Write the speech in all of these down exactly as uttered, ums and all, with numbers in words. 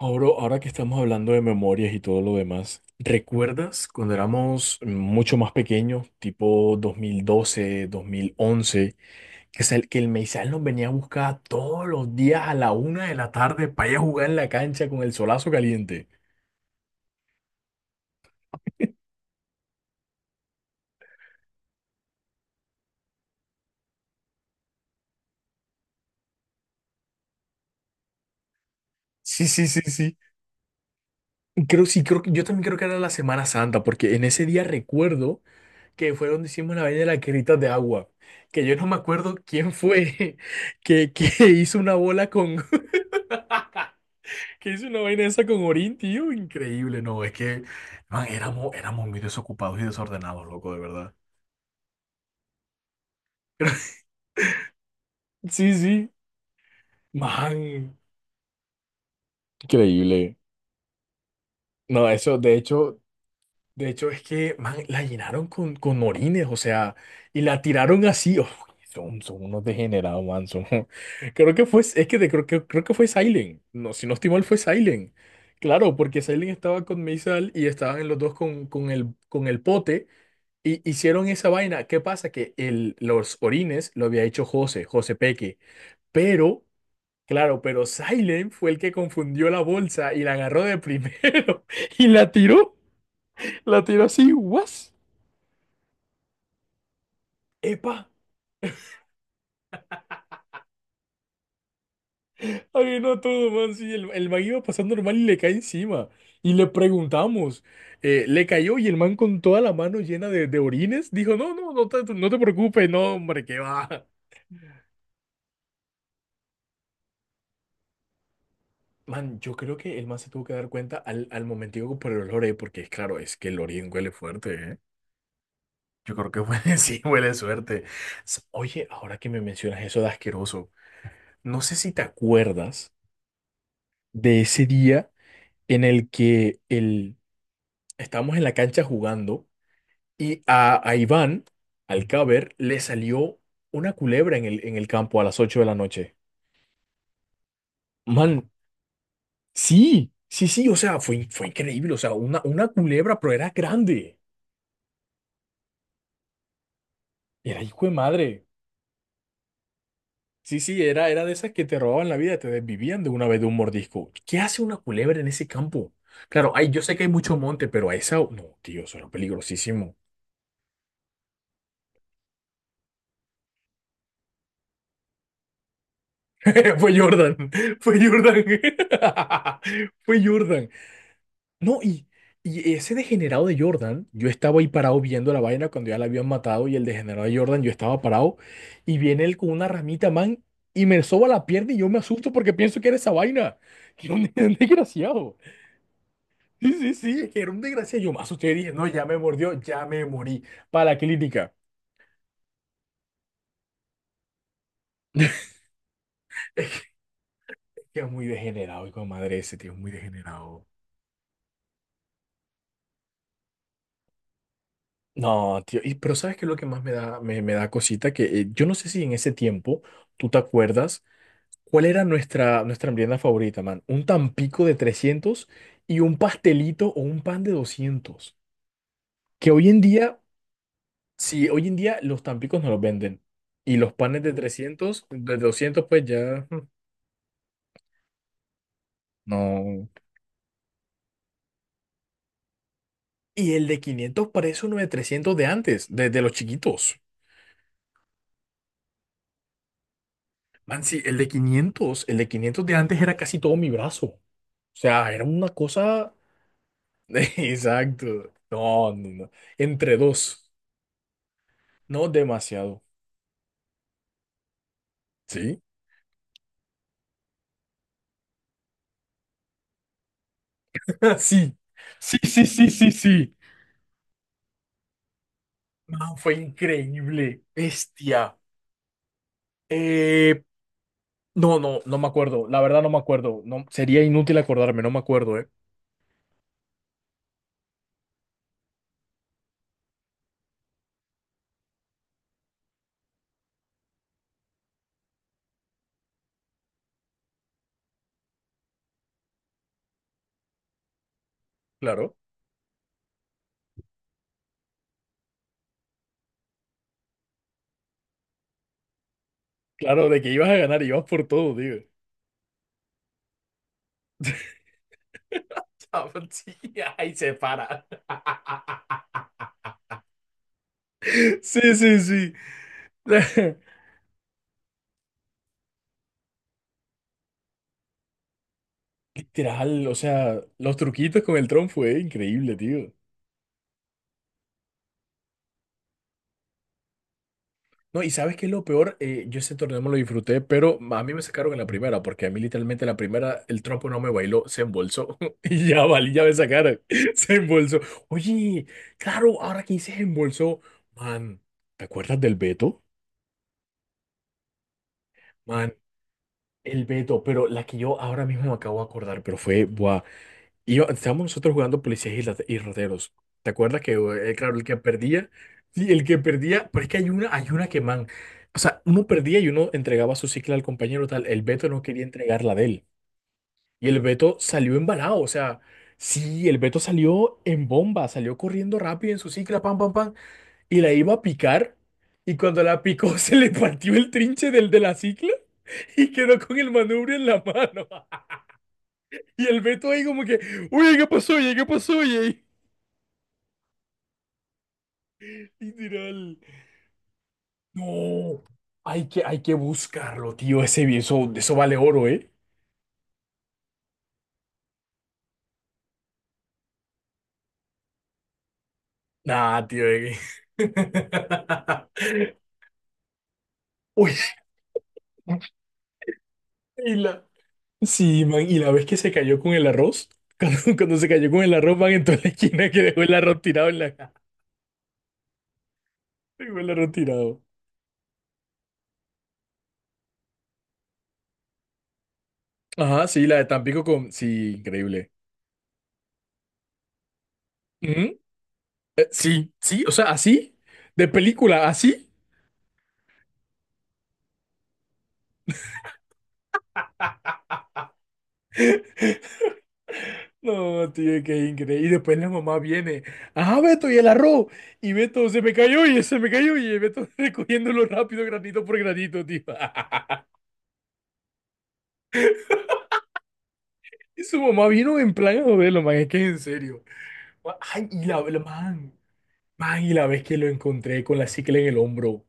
Ahora, ahora que estamos hablando de memorias y todo lo demás, ¿recuerdas cuando éramos mucho más pequeños, tipo dos dos mil doce, dos mil once, que, sal- que el Meisal nos venía a buscar todos los días a la una de la tarde para ir a jugar en la cancha con el solazo caliente? Sí, sí, sí, sí. Creo, sí, creo que yo también creo que era la Semana Santa, porque en ese día recuerdo que fue donde hicimos la vaina de las guerritas de agua. Que yo no me acuerdo quién fue que, que hizo una bola con. Que hice una vaina esa con Orín, tío. Increíble. No, es que, man, éramos, éramos muy desocupados y desordenados, loco, de verdad. Sí, sí. Man, increíble. No, eso, de hecho, de hecho es que, man, la llenaron con, con orines, o sea, y la tiraron así. Uf, son, son unos degenerados, man. son- Creo que fue, es que de- creo que, creo que fue Silent. No, si no estoy mal, fue Silent. Claro, porque Silent estaba con Meisal y estaban en los dos con, con el, con el pote. Y hicieron esa vaina. ¿Qué pasa? Que el, los orines lo había hecho José, José Peque. Pero, claro, pero Silent fue el que confundió la bolsa y la agarró de primero y la tiró. La tiró así, ¡guas! ¡Epa! Ay, no todo, man. Sí, el, el man iba pasando normal y le cae encima. Y le preguntamos. Eh, le cayó y el man con toda la mano llena de, de orines dijo: No, no, no te, no te preocupes, no, hombre, que va. Man, yo creo que el man se tuvo que dar cuenta al, al momentico por el olor, ¿eh? Porque claro, es que el Orien huele fuerte, ¿eh? Yo creo que huele, sí, huele suerte. S- Oye, ahora que me mencionas eso de asqueroso, no sé si te acuerdas de ese día en el que el, estábamos en la cancha jugando y a, a Iván, al caber, le salió una culebra en el, en el campo a las ocho de la noche. Man, sí, sí, sí, o sea, fue, in- fue increíble, o sea, una, una culebra, pero era grande. Era hijo de madre. Sí, sí, era, era de esas que te robaban la vida, te desvivían de una vez de un mordisco. ¿Qué hace una culebra en ese campo? Claro, ay, yo sé que hay mucho monte, pero a esa... No, tío, eso era peligrosísimo. Fue Jordan, fue Jordan. Fue Jordan. No, y, y ese degenerado de Jordan, yo estaba ahí parado viendo la vaina cuando ya la habían matado y el degenerado de Jordan, yo estaba parado y viene él con una ramita, man, y me soba la pierna y yo me asusto porque pienso que era esa vaina. Qué un desgraciado. Sí, sí, sí, es que era un desgraciado. Yo me asusté y dije, no, ya me mordió, ya me morí. Para la clínica. Es que es muy degenerado, hijo de madre, ese tío es muy degenerado. No, tío, y, pero ¿sabes qué es lo que más me da, me, me da cosita? Que eh, yo no sé si en ese tiempo tú te acuerdas cuál era nuestra, nuestra merienda favorita, man. Un tampico de trescientos y un pastelito o un pan de doscientos. Que hoy en día, sí, hoy en día los tampicos no los venden. Y los panes de trescientos, de doscientos pues ya, mm, no. Y el de quinientos parece uno de trescientos de antes, de de los chiquitos. Man, sí, el de quinientos, el de quinientos de antes era casi todo mi brazo. O sea, era una cosa... Exacto. No, no, no. Entre dos. No demasiado. ¿Sí? Sí. Sí, sí, sí, sí, sí. Man, fue increíble. Bestia. Eh, no, no, no me acuerdo. La verdad no me acuerdo. No, sería inútil acordarme, no me acuerdo, ¿eh? Claro. Claro, de que ibas a ganar, ibas por todo, digo. Ah, pues sí, ahí se para. Sí, sí, sí. Literal, o sea, los truquitos con el Tron fue increíble, tío. No, y ¿sabes qué es lo peor? Eh, yo ese torneo me lo disfruté, pero a mí me sacaron en la primera, porque a mí literalmente en la primera el trompo no me bailó, se embolsó. Y ya valí, ya me sacaron. Se embolsó. Oye, claro, ahora que dices embolsó, man, ¿te acuerdas del Beto? Man, el Beto, pero la que yo ahora mismo me acabo de acordar, pero fue, buah. Y yo- estábamos nosotros jugando policías y, late- y rateros. ¿Te acuerdas que, eh, eh, claro, el que perdía, sí, el que perdía, pero es que hay una, hay una que, man, o sea, uno perdía y uno entregaba su cicla al compañero tal, el Beto no quería entregar la de él. Y el Beto salió embalado, o sea, sí, el Beto salió en bomba, salió corriendo rápido en su cicla, pam, pam, pam, y la iba a picar, y cuando la picó se le partió el trinche del de la cicla y quedó con el manubrio en la mano. Y el Beto ahí como que, oye, ¿qué pasó? Oye, ¿qué pasó? Oye. Literal. No, hay que, hay que buscarlo, tío. Ese, vi- eso, eso vale oro, ¿eh? Nah, tío. Eh. Uy, y la, sí, man, y la vez que se cayó con el arroz, cuando, cuando se cayó con el arroz, van en toda la esquina que dejó el arroz tirado en la, dejó el arroz tirado. Ajá, sí, la de Tampico con, sí, increíble. Ujú. Eh, sí, sí, o sea, así, de película, así. No, tío, qué increíble. Y después la mamá viene. Ajá, Beto, y el arroz. Y Beto se me cayó y se me cayó. Y Beto recogiéndolo rápido, granito por granito, tío. Y su mamá vino en plan a joderlo, man. Es que es en serio. Ay, y la, la man. Man, y la vez que lo encontré con la cicla en el hombro,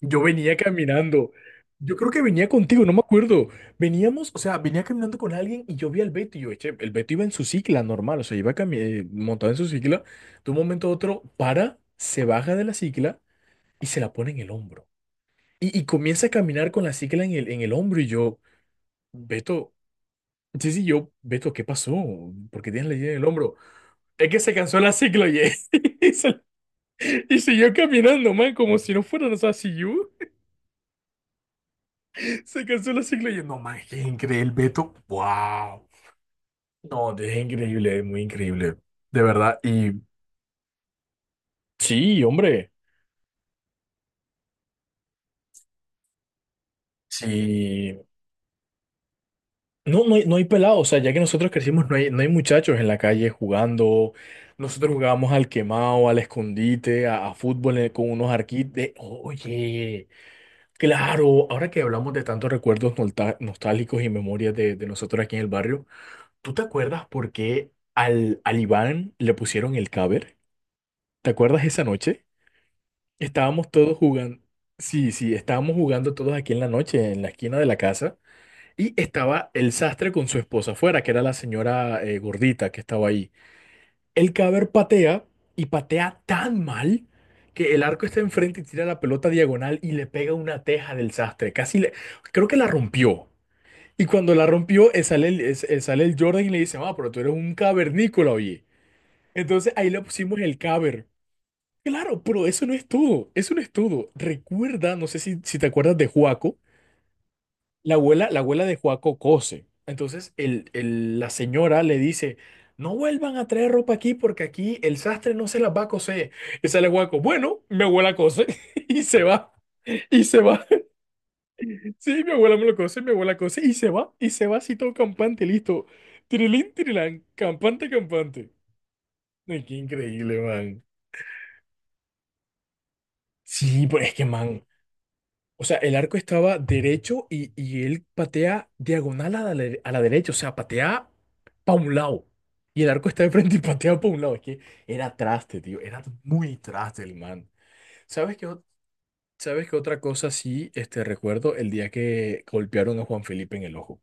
yo venía caminando. Yo creo que venía contigo, no me acuerdo. Veníamos, o sea, venía caminando con alguien y yo vi al Beto y yo, eche. El Beto iba en su cicla normal, o sea, iba cami- eh, montado en su cicla. De un momento a otro, para, se baja de la cicla y se la pone en el hombro. Y, y comienza a caminar con la cicla en el, en el hombro y yo, Beto, sí, sí, yo, Beto, ¿qué pasó? ¿Por qué tienes la idea en el hombro? Es que se cansó la cicla, oye. Y siguió caminando, man, como si no fueran los A C U. Se cansó la cicla y yo, no, man, qué increíble, Beto. Wow. No, es increíble, es muy increíble. De verdad. Y sí, hombre, sí. No, no hay, no hay pelados. O sea, ya que nosotros crecimos, no hay, no hay muchachos en la calle jugando. Nosotros jugábamos al quemado, al escondite, a, a fútbol eh, con unos arquites. Oye, claro, ahora que hablamos de tantos recuerdos nolta- nostálgicos y memorias de, de nosotros aquí en el barrio. ¿Tú te acuerdas por qué al, al Iván le pusieron el caber? ¿Te acuerdas esa noche? Estábamos todos jugando. Sí, sí, estábamos jugando todos aquí en la noche, en la esquina de la casa. Y estaba el sastre con su esposa afuera, que era la señora eh, gordita que estaba ahí. El caber patea y patea tan mal que el arco está enfrente y tira la pelota diagonal y le pega una teja del sastre. Casi le. Creo que la rompió. Y cuando la rompió, eh, sale el, eh, sale el Jordan y le dice: Ah, pero tú eres un cavernícola, oye. Entonces ahí le pusimos el cover. Claro, pero eso no es todo, eso no es todo. Recuerda, no sé si, si te acuerdas de Juaco, la abuela, la abuela de Juaco cose. Entonces el, el- la señora le dice, no vuelvan a traer ropa aquí porque aquí el sastre no se las va a coser. Y sale Juaco, bueno, mi abuela cose y se va. Y se va. Sí, mi abuela me lo cose, mi abuela cose y se va. Y se va así todo campante, listo. Tirilín, tirilán, campante, campante. Ay, qué increíble, man. Sí, pero es que, man. O sea, el arco estaba derecho y, y él patea diagonal a la, dere- a la derecha, o sea, patea para un lado. Y el arco está de frente y patea para un lado. Es que era traste, tío, era muy traste el man. ¿Sabes qué, ot- ¿Sabes qué otra cosa sí este, recuerdo? El día que golpearon a Juan Felipe en el ojo.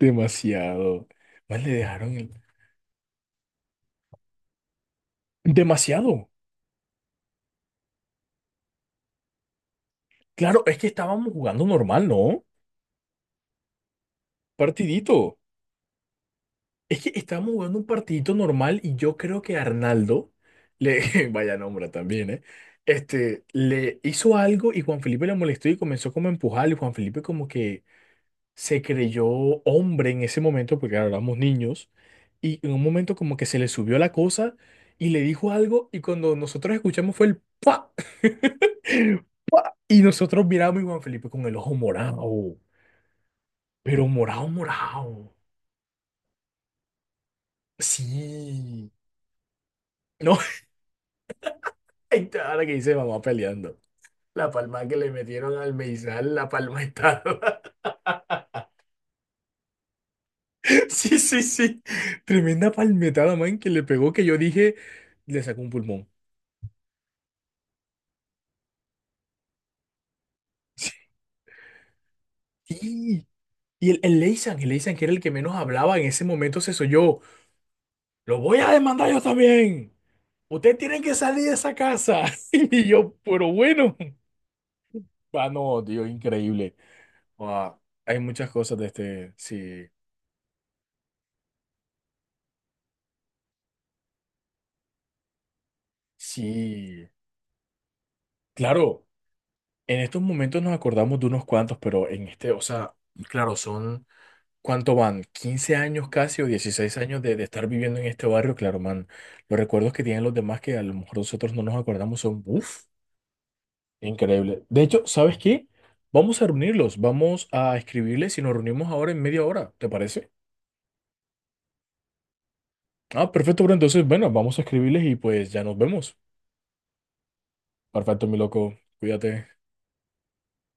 Demasiado. Más le dejaron el... Demasiado. Claro, es que estábamos jugando normal, ¿no? Partidito. Es que estábamos jugando un partidito normal y yo creo que Arnaldo, le, vaya nombre también, ¿eh? Este, le hizo algo y Juan Felipe le molestó y comenzó como a empujarle. Y Juan Felipe como que se creyó hombre en ese momento, porque claro, éramos niños, y en un momento como que se le subió la cosa y le dijo algo y cuando nosotros escuchamos fue el ¡pa! Y nosotros miramos y Juan Felipe con el ojo morado, pero morado, morado. Sí. No, ahora que dice mamá peleando. La palma que le metieron al Meizal, la palmetada. Sí, sí, sí. Tremenda palmetada, man, que le pegó que yo dije, le sacó un pulmón. Sí. Y el, el Leysan, el Leysan, que era el que menos hablaba en ese momento, se soyó. Lo voy a demandar yo también. Ustedes tienen que salir de esa casa. Y yo, pero bueno. Ah, no, tío, increíble. Guau. Hay muchas cosas de este. Sí, sí. Claro. En estos momentos nos acordamos de unos cuantos, pero en este, o sea, claro, son, ¿cuánto van? Quince años casi o dieciséis años de, de estar viviendo en este barrio? Claro, man, los recuerdos que tienen los demás que a lo mejor nosotros no nos acordamos son, uff, increíble. De hecho, ¿sabes qué? Vamos a reunirlos, vamos a escribirles y nos reunimos ahora en media hora, ¿te parece? Ah, perfecto, bro, entonces, bueno, vamos a escribirles y pues ya nos vemos. Perfecto, mi loco, cuídate.